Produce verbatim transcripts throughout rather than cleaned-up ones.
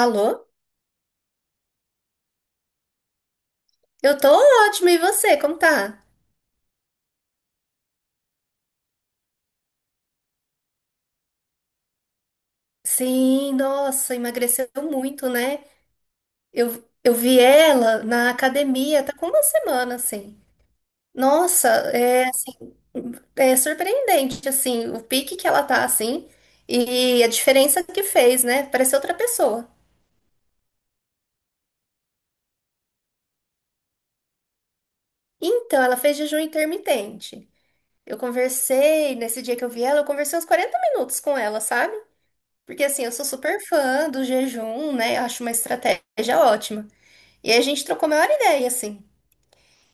Alô? Eu tô ótima, e você? Como tá? Sim, nossa, emagreceu muito, né? Eu, eu vi ela na academia, tá com uma semana, assim. Nossa, é, assim, é surpreendente, assim, o pique que ela tá, assim, e a diferença que fez, né? Parece outra pessoa. Então, ela fez jejum intermitente. Eu conversei, nesse dia que eu vi ela, eu conversei uns quarenta minutos com ela, sabe? Porque, assim, eu sou super fã do jejum, né? Acho uma estratégia ótima. E a gente trocou a maior ideia, assim.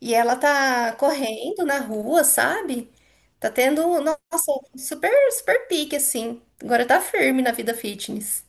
E ela tá correndo na rua, sabe? Tá tendo, nossa, super, super pique, assim. Agora tá firme na vida fitness.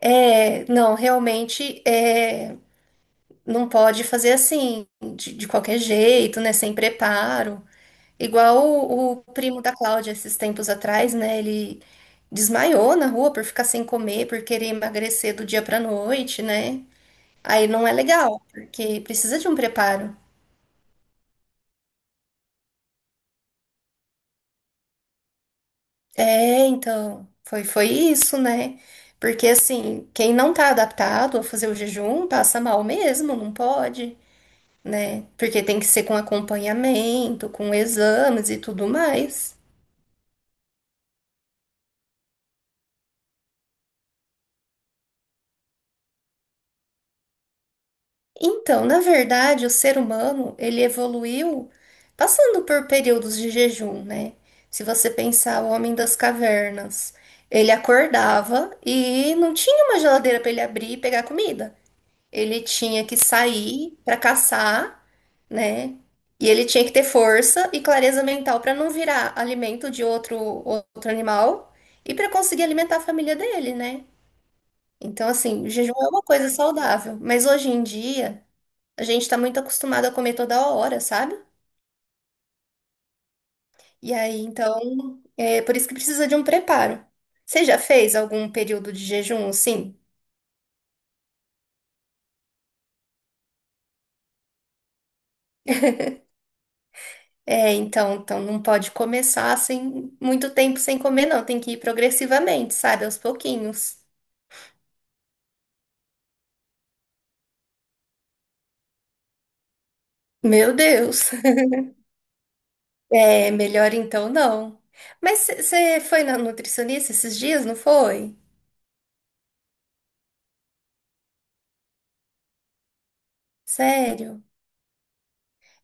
É, não, realmente, é, não pode fazer assim, de, de qualquer jeito, né? Sem preparo. Igual o, o primo da Cláudia, esses tempos atrás, né? Ele desmaiou na rua por ficar sem comer, por querer emagrecer do dia pra noite, né? Aí não é legal, porque precisa de um preparo. É, então, foi, foi isso, né? Porque assim, quem não tá adaptado a fazer o jejum passa mal mesmo, não pode, né? Porque tem que ser com acompanhamento, com exames e tudo mais. Então, na verdade, o ser humano, ele evoluiu passando por períodos de jejum, né? Se você pensar o homem das cavernas, ele acordava e não tinha uma geladeira para ele abrir e pegar comida. Ele tinha que sair para caçar, né? E ele tinha que ter força e clareza mental para não virar alimento de outro outro animal e para conseguir alimentar a família dele, né? Então, assim, o jejum é uma coisa saudável, mas hoje em dia a gente está muito acostumado a comer toda hora, sabe? E aí, então, é por isso que precisa de um preparo. Você já fez algum período de jejum, assim? É, então, então não pode começar sem muito tempo sem comer, não. Tem que ir progressivamente, sabe? Aos pouquinhos. Meu Deus! É, melhor então não. Mas você foi na nutricionista esses dias, não foi? Sério?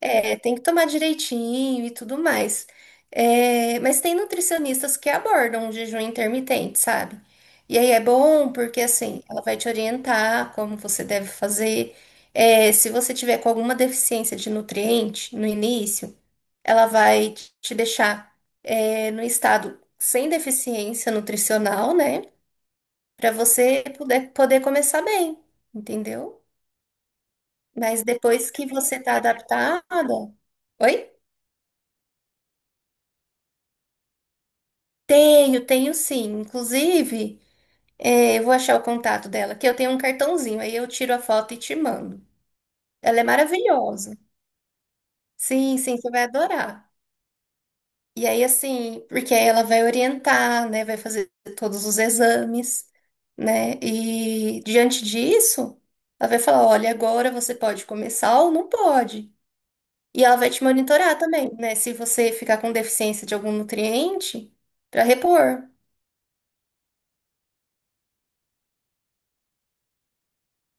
É, tem que tomar direitinho e tudo mais. É, mas tem nutricionistas que abordam o jejum intermitente, sabe? E aí é bom porque assim, ela vai te orientar como você deve fazer. É, se você tiver com alguma deficiência de nutriente no início, ela vai te deixar, é, no estado sem deficiência nutricional, né? Para você poder, poder começar bem, entendeu? Mas depois que você tá adaptada, oi? Tenho, tenho sim. Inclusive, eh, eu vou achar o contato dela, que eu tenho um cartãozinho, aí eu tiro a foto e te mando. Ela é maravilhosa. Sim, sim, você vai adorar. E aí, assim, porque aí ela vai orientar, né? Vai fazer todos os exames, né? E diante disso, ela vai falar: olha, agora você pode começar ou não pode. E ela vai te monitorar também, né? Se você ficar com deficiência de algum nutriente, para repor.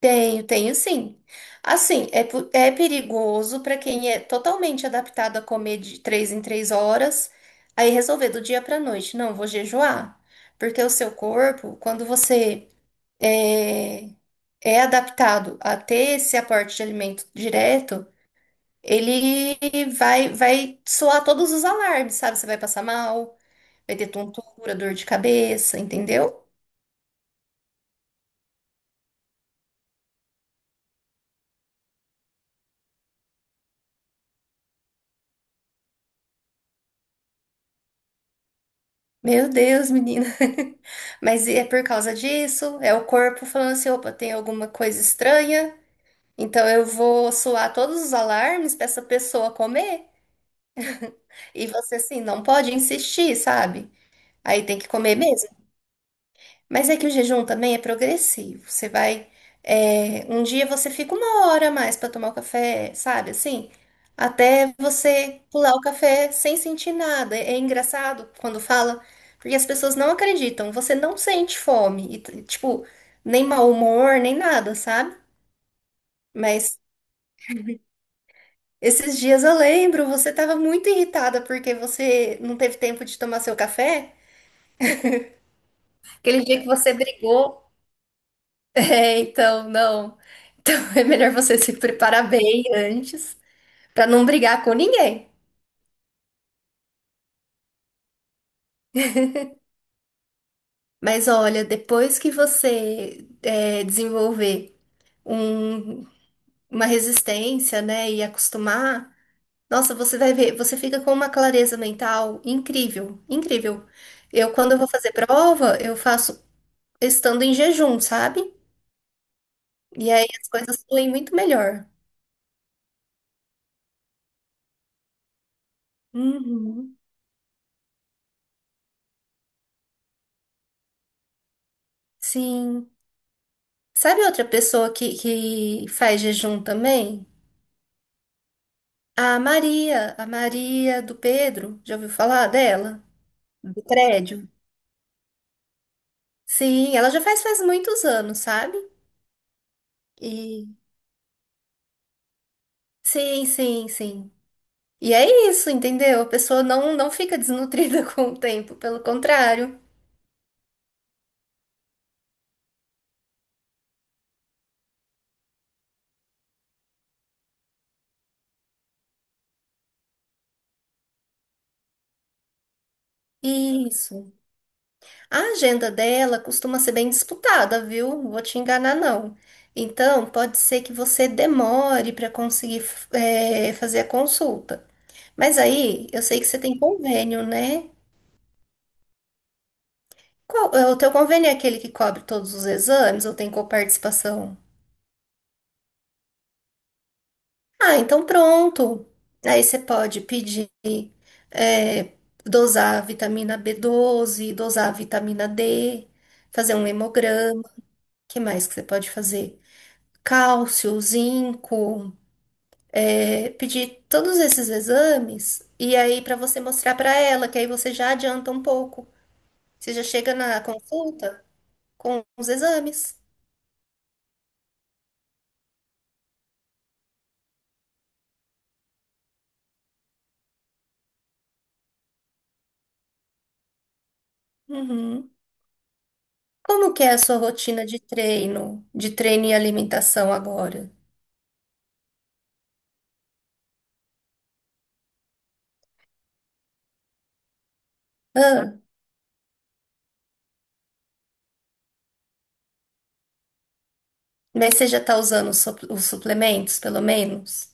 Tenho, tenho sim. Assim, é, pu- é perigoso para quem é totalmente adaptado a comer de três em três horas, aí resolver do dia para noite. Não, vou jejuar. Porque o seu corpo, quando você é, é adaptado a ter esse aporte de alimento direto, ele vai, vai soar todos os alarmes, sabe? Você vai passar mal. Vai ter tontura, dor de cabeça, entendeu? Meu Deus, menina. Mas é por causa disso, é o corpo falando assim, opa, tem alguma coisa estranha, então eu vou soar todos os alarmes para essa pessoa comer. E você assim, não pode insistir, sabe? Aí tem que comer mesmo. Mas é que o jejum também é progressivo. Você vai. É, um dia você fica uma hora a mais para tomar o café, sabe? Assim, até você pular o café sem sentir nada. É, é engraçado quando fala, porque as pessoas não acreditam. Você não sente fome, e, t- tipo, nem mau humor, nem nada, sabe? Mas esses dias eu lembro, você tava muito irritada porque você não teve tempo de tomar seu café. Aquele dia que você brigou. É, então, não. Então é melhor você se preparar bem antes, para não brigar com ninguém. Mas olha, depois que você é, desenvolver um- uma resistência, né, e acostumar, nossa, você vai ver, você fica com uma clareza mental incrível, incrível. Eu, quando eu vou fazer prova, eu faço estando em jejum, sabe? E aí as coisas fluem muito melhor. Uhum. Sim. Sabe outra pessoa que, que faz jejum também? A Maria, a Maria do Pedro. Já ouviu falar dela? Do prédio? Sim, ela já faz faz muitos anos, sabe? E sim, sim, sim. E é isso, entendeu? A pessoa não, não fica desnutrida com o tempo, pelo contrário. Isso. A agenda dela costuma ser bem disputada, viu? Não vou te enganar, não. Então, pode ser que você demore para conseguir f- eh, fazer a consulta. Mas aí, eu sei que você tem convênio, né? Qual- é, o teu convênio é aquele que cobre todos os exames ou tem coparticipação? Ah, então pronto. Aí você pode pedir, é, dosar a vitamina B doze, dosar a vitamina D, fazer um hemograma. O que mais que você pode fazer? Cálcio, zinco, é, pedir todos esses exames e aí para você mostrar para ela, que aí você já adianta um pouco. Você já chega na consulta com os exames. Uhum. Como que é a sua rotina de treino, de treino e alimentação agora? Ah, mas você já está usando os sup- os suplementos, pelo menos?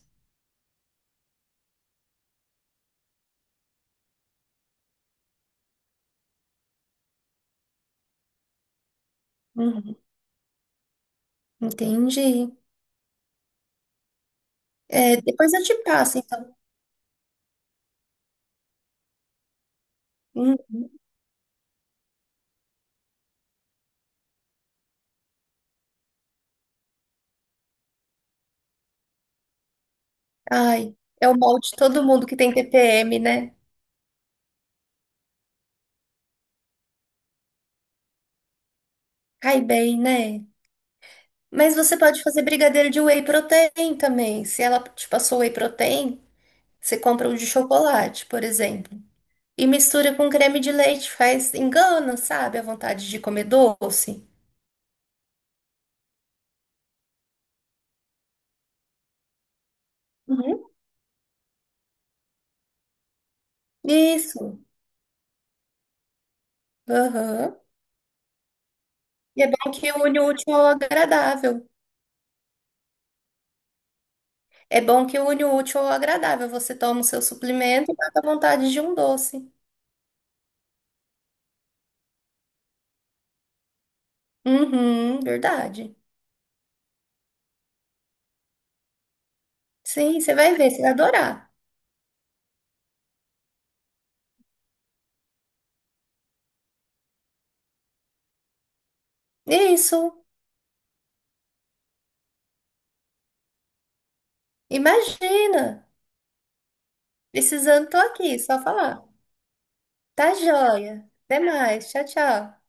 Uhum. Entendi. É, depois eu te passo, então. Hum, Ai, é o molde de todo mundo que tem T P M, né? Cai bem, né? Mas você pode fazer brigadeiro de whey protein também. Se ela te passou whey protein, você compra o de chocolate, por exemplo. E mistura com creme de leite, faz engana, sabe? A vontade de comer doce. Uhum. Isso. Aham. E é bom que une o útil ao agradável. É bom que une o útil ao agradável. Você toma o seu suplemento e mata a vontade de um doce. Uhum, verdade. Sim, você vai ver, você vai adorar. Isso. Imagina. Precisando, tô aqui, só falar. Tá joia. Até mais. Tchau, tchau.